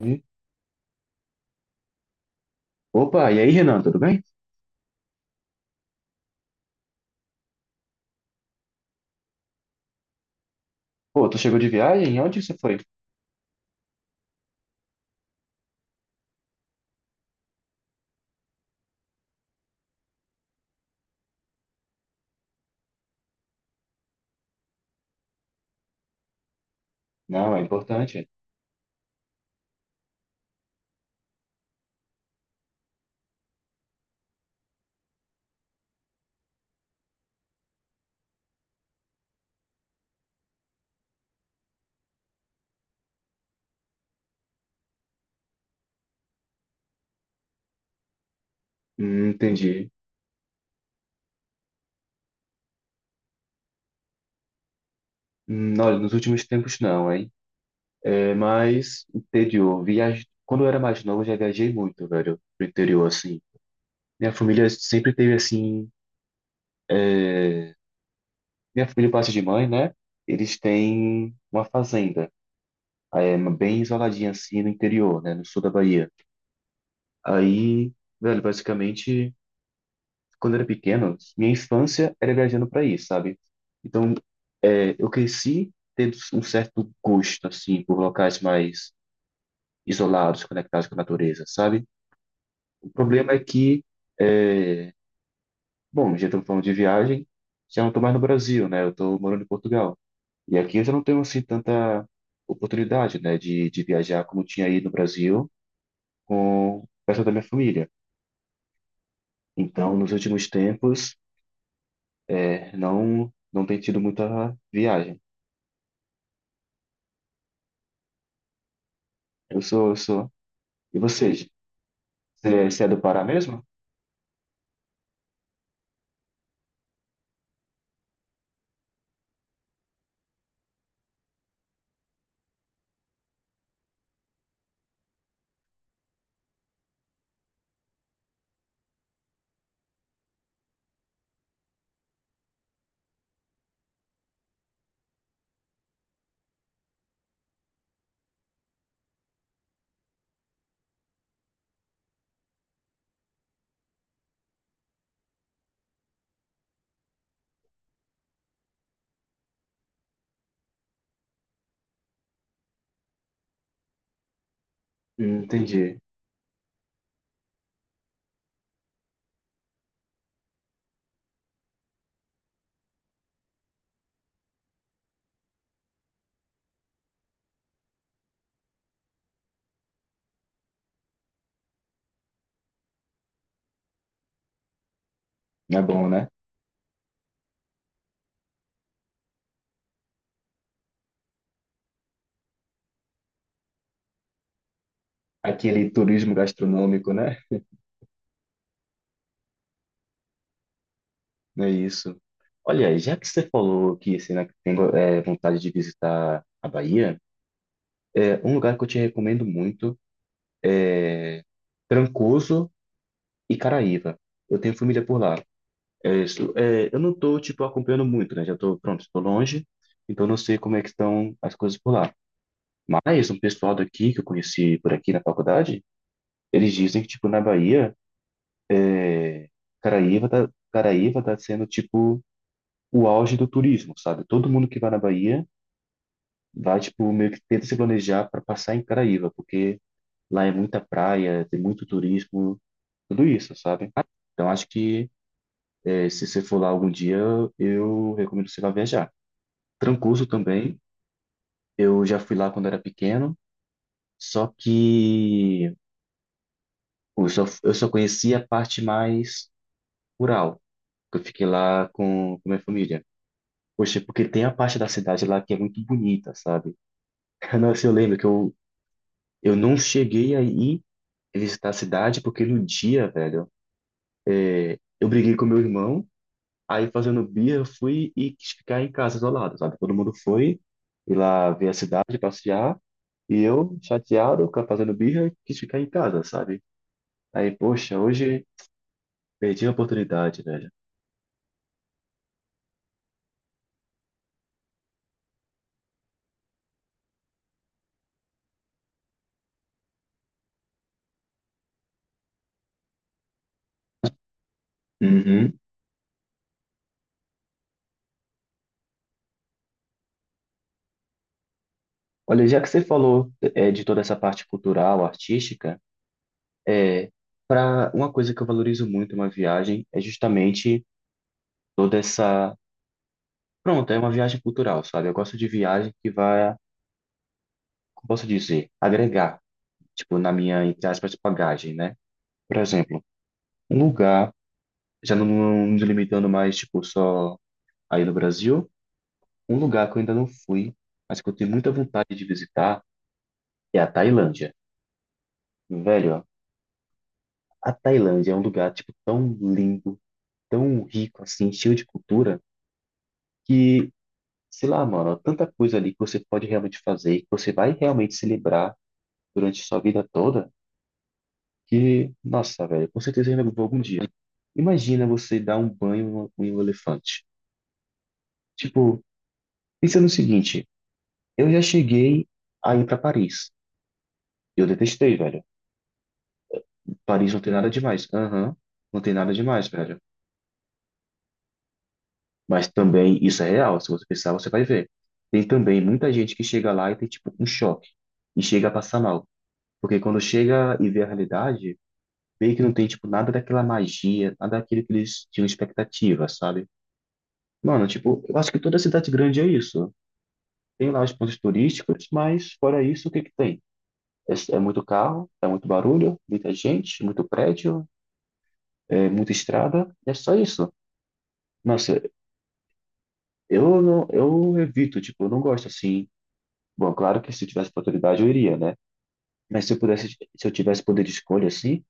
Hum. Opa, e aí, Renan, tudo bem? Pô, tu chegou de viagem? Onde você foi? Não, é importante. Entendi. Olha, nos últimos tempos não, hein? Mas interior, viagem... Quando eu era mais novo, eu já viajei muito, velho, pro interior, assim. Minha família sempre teve, assim... Minha família, por parte de mãe, né? Eles têm uma fazenda, bem isoladinha, assim, no interior, né? No sul da Bahia. Aí, velho, basicamente, quando eu era pequeno, minha infância era viajando pra ir, sabe? Então, Eu cresci tendo um certo gosto, assim, por locais mais isolados, conectados com a natureza, sabe? O problema é que, é, bom, já estamos falando de viagem, já não estou mais no Brasil, né? Eu estou morando em Portugal. E aqui eu já não tenho, assim, tanta oportunidade, né, de viajar como tinha aí no Brasil com o pessoal da minha família. Então, nos últimos tempos, não tem tido muita viagem. Eu sou, eu sou. E vocês? Você, você é do Pará mesmo? Entendi. É bom, né? Aquele turismo gastronômico, né? É isso. Olha, já que você falou que você né, que tem vontade de visitar a Bahia, é um lugar que eu te recomendo muito, Trancoso e Caraíva. Eu tenho família por lá. É isso. É, eu não tô, tipo, acompanhando muito, né? Já tô, pronto, estou longe, então não sei como é que estão as coisas por lá. Mas um pessoal daqui, que eu conheci por aqui na faculdade, eles dizem que, tipo, na Bahia, Caraíva tá sendo, tipo, o auge do turismo, sabe? Todo mundo que vai na Bahia vai, tipo, meio que tenta se planejar para passar em Caraíva, porque lá é muita praia, tem muito turismo, tudo isso, sabe? Então, acho que se você for lá algum dia, eu recomendo você vá viajar. Trancoso também, eu já fui lá quando era pequeno, só que eu só conheci a parte mais rural, que eu fiquei lá com minha família. Poxa, porque tem a parte da cidade lá que é muito bonita, sabe? Nossa, eu lembro que eu não cheguei aí visitar a cidade porque no dia, velho, eu briguei com meu irmão, aí fazendo birra, eu fui e quis ficar em casa isolado, sabe? Todo mundo foi ir lá ver a cidade, passear, e eu, chateado, ficar fazendo birra, quis ficar em casa, sabe? Aí, poxa, hoje perdi a oportunidade, velho. Uhum. Olha, já que você falou de toda essa parte cultural, artística, é, para uma coisa que eu valorizo muito em uma viagem é justamente toda essa... Pronto, é uma viagem cultural, sabe? Eu gosto de viagem que vai, como posso dizer, agregar, tipo, na minha, entre aspas, bagagem, né? Por exemplo, um lugar, já não, não me limitando mais, tipo, só aí no Brasil, um lugar que eu ainda não fui, mas que eu tenho muita vontade de visitar, é a Tailândia. Velho, a Tailândia é um lugar, tipo, tão lindo, tão rico, assim, cheio de cultura, que, sei lá, mano, tanta coisa ali que você pode realmente fazer, que você vai realmente se lembrar durante sua vida toda. Que, nossa, velho, com certeza eu ainda vou algum dia. Imagina você dar um banho em um elefante. Tipo, pensa no seguinte, eu já cheguei a ir pra Paris. Eu detestei, velho. Paris não tem nada demais. Aham, não tem nada demais, velho. Mas também isso é real, se você pensar, você vai ver. Tem também muita gente que chega lá e tem tipo um choque e chega a passar mal, porque quando chega e vê a realidade, meio que não tem tipo nada daquela magia, nada daquilo que eles tinham expectativa, sabe? Mano, tipo, eu acho que toda cidade grande é isso. Tem lá os pontos turísticos, mas fora isso, o que que tem? É muito carro, é muito barulho, muita gente, muito prédio, é muita estrada, é só isso. Nossa, eu evito, tipo, eu não gosto assim. Bom, claro que se eu tivesse oportunidade eu iria, né? Mas se eu pudesse, se eu tivesse poder de escolha assim,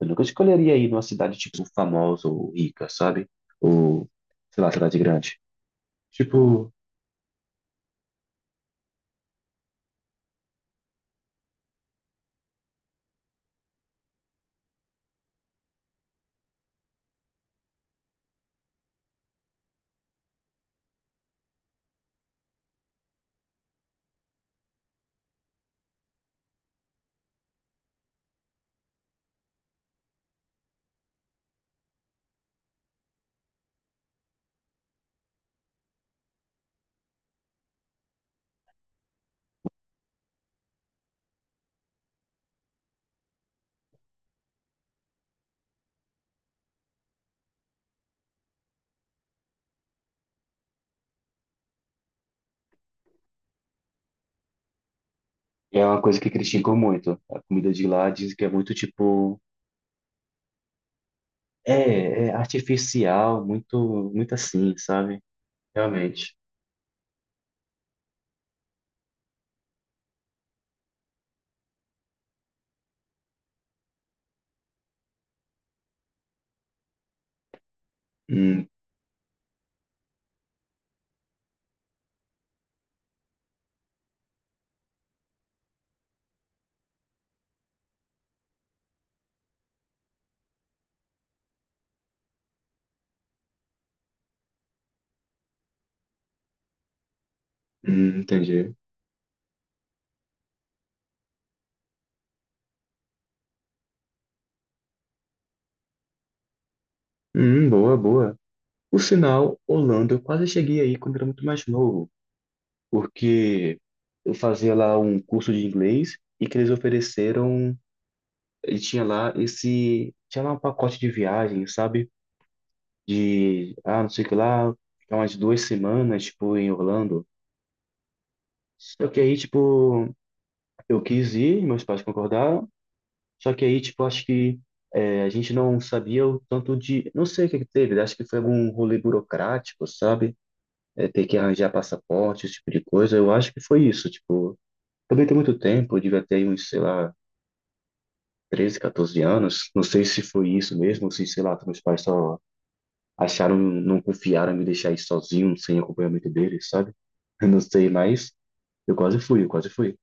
eu nunca escolheria ir numa cidade tipo famosa ou rica, sabe? Ou, sei lá, cidade grande. Tipo, é uma coisa que criticam muito. A comida de lá diz que é muito tipo... É artificial, muito, muito assim, sabe? Realmente. Hum, entendi. Boa, boa. Por sinal, Holanda, eu quase cheguei aí quando era muito mais novo, porque eu fazia lá um curso de inglês que eles ofereceram, e tinha lá um pacote de viagem, sabe? De, ah, não sei o que lá, ficar umas duas semanas, tipo, em Orlando. Só que aí, tipo, eu quis ir, meus pais concordaram. Só que aí, tipo, acho que a gente não sabia o tanto de... Não sei o que que teve, né? Acho que foi algum rolê burocrático, sabe? É, ter que arranjar passaporte, esse tipo de coisa. Eu acho que foi isso, tipo. Também tem muito tempo, eu devia ter uns, sei lá, 13 14 anos. Não sei se foi isso mesmo, ou se, sei lá, meus pais só acharam, não confiaram em me deixar ir sozinho, sem acompanhamento deles, sabe? Eu não sei, mas eu quase fui.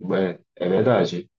É, é verdade,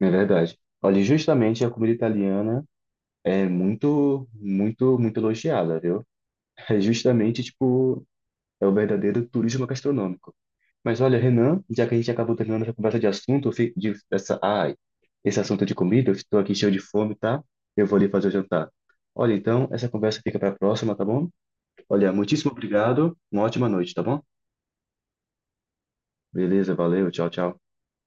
é verdade. Olha, justamente a comida italiana. É muito, muito, muito elogiada, viu? É justamente, tipo, é o verdadeiro turismo gastronômico. Mas olha, Renan, já que a gente acabou terminando essa conversa de assunto, eu fi- de essa, ai, esse assunto de comida, eu estou aqui cheio de fome, tá? Eu vou ali fazer o jantar. Olha, então, essa conversa fica para a próxima, tá bom? Olha, muitíssimo obrigado, uma ótima noite, tá bom? Beleza, valeu, tchau, tchau.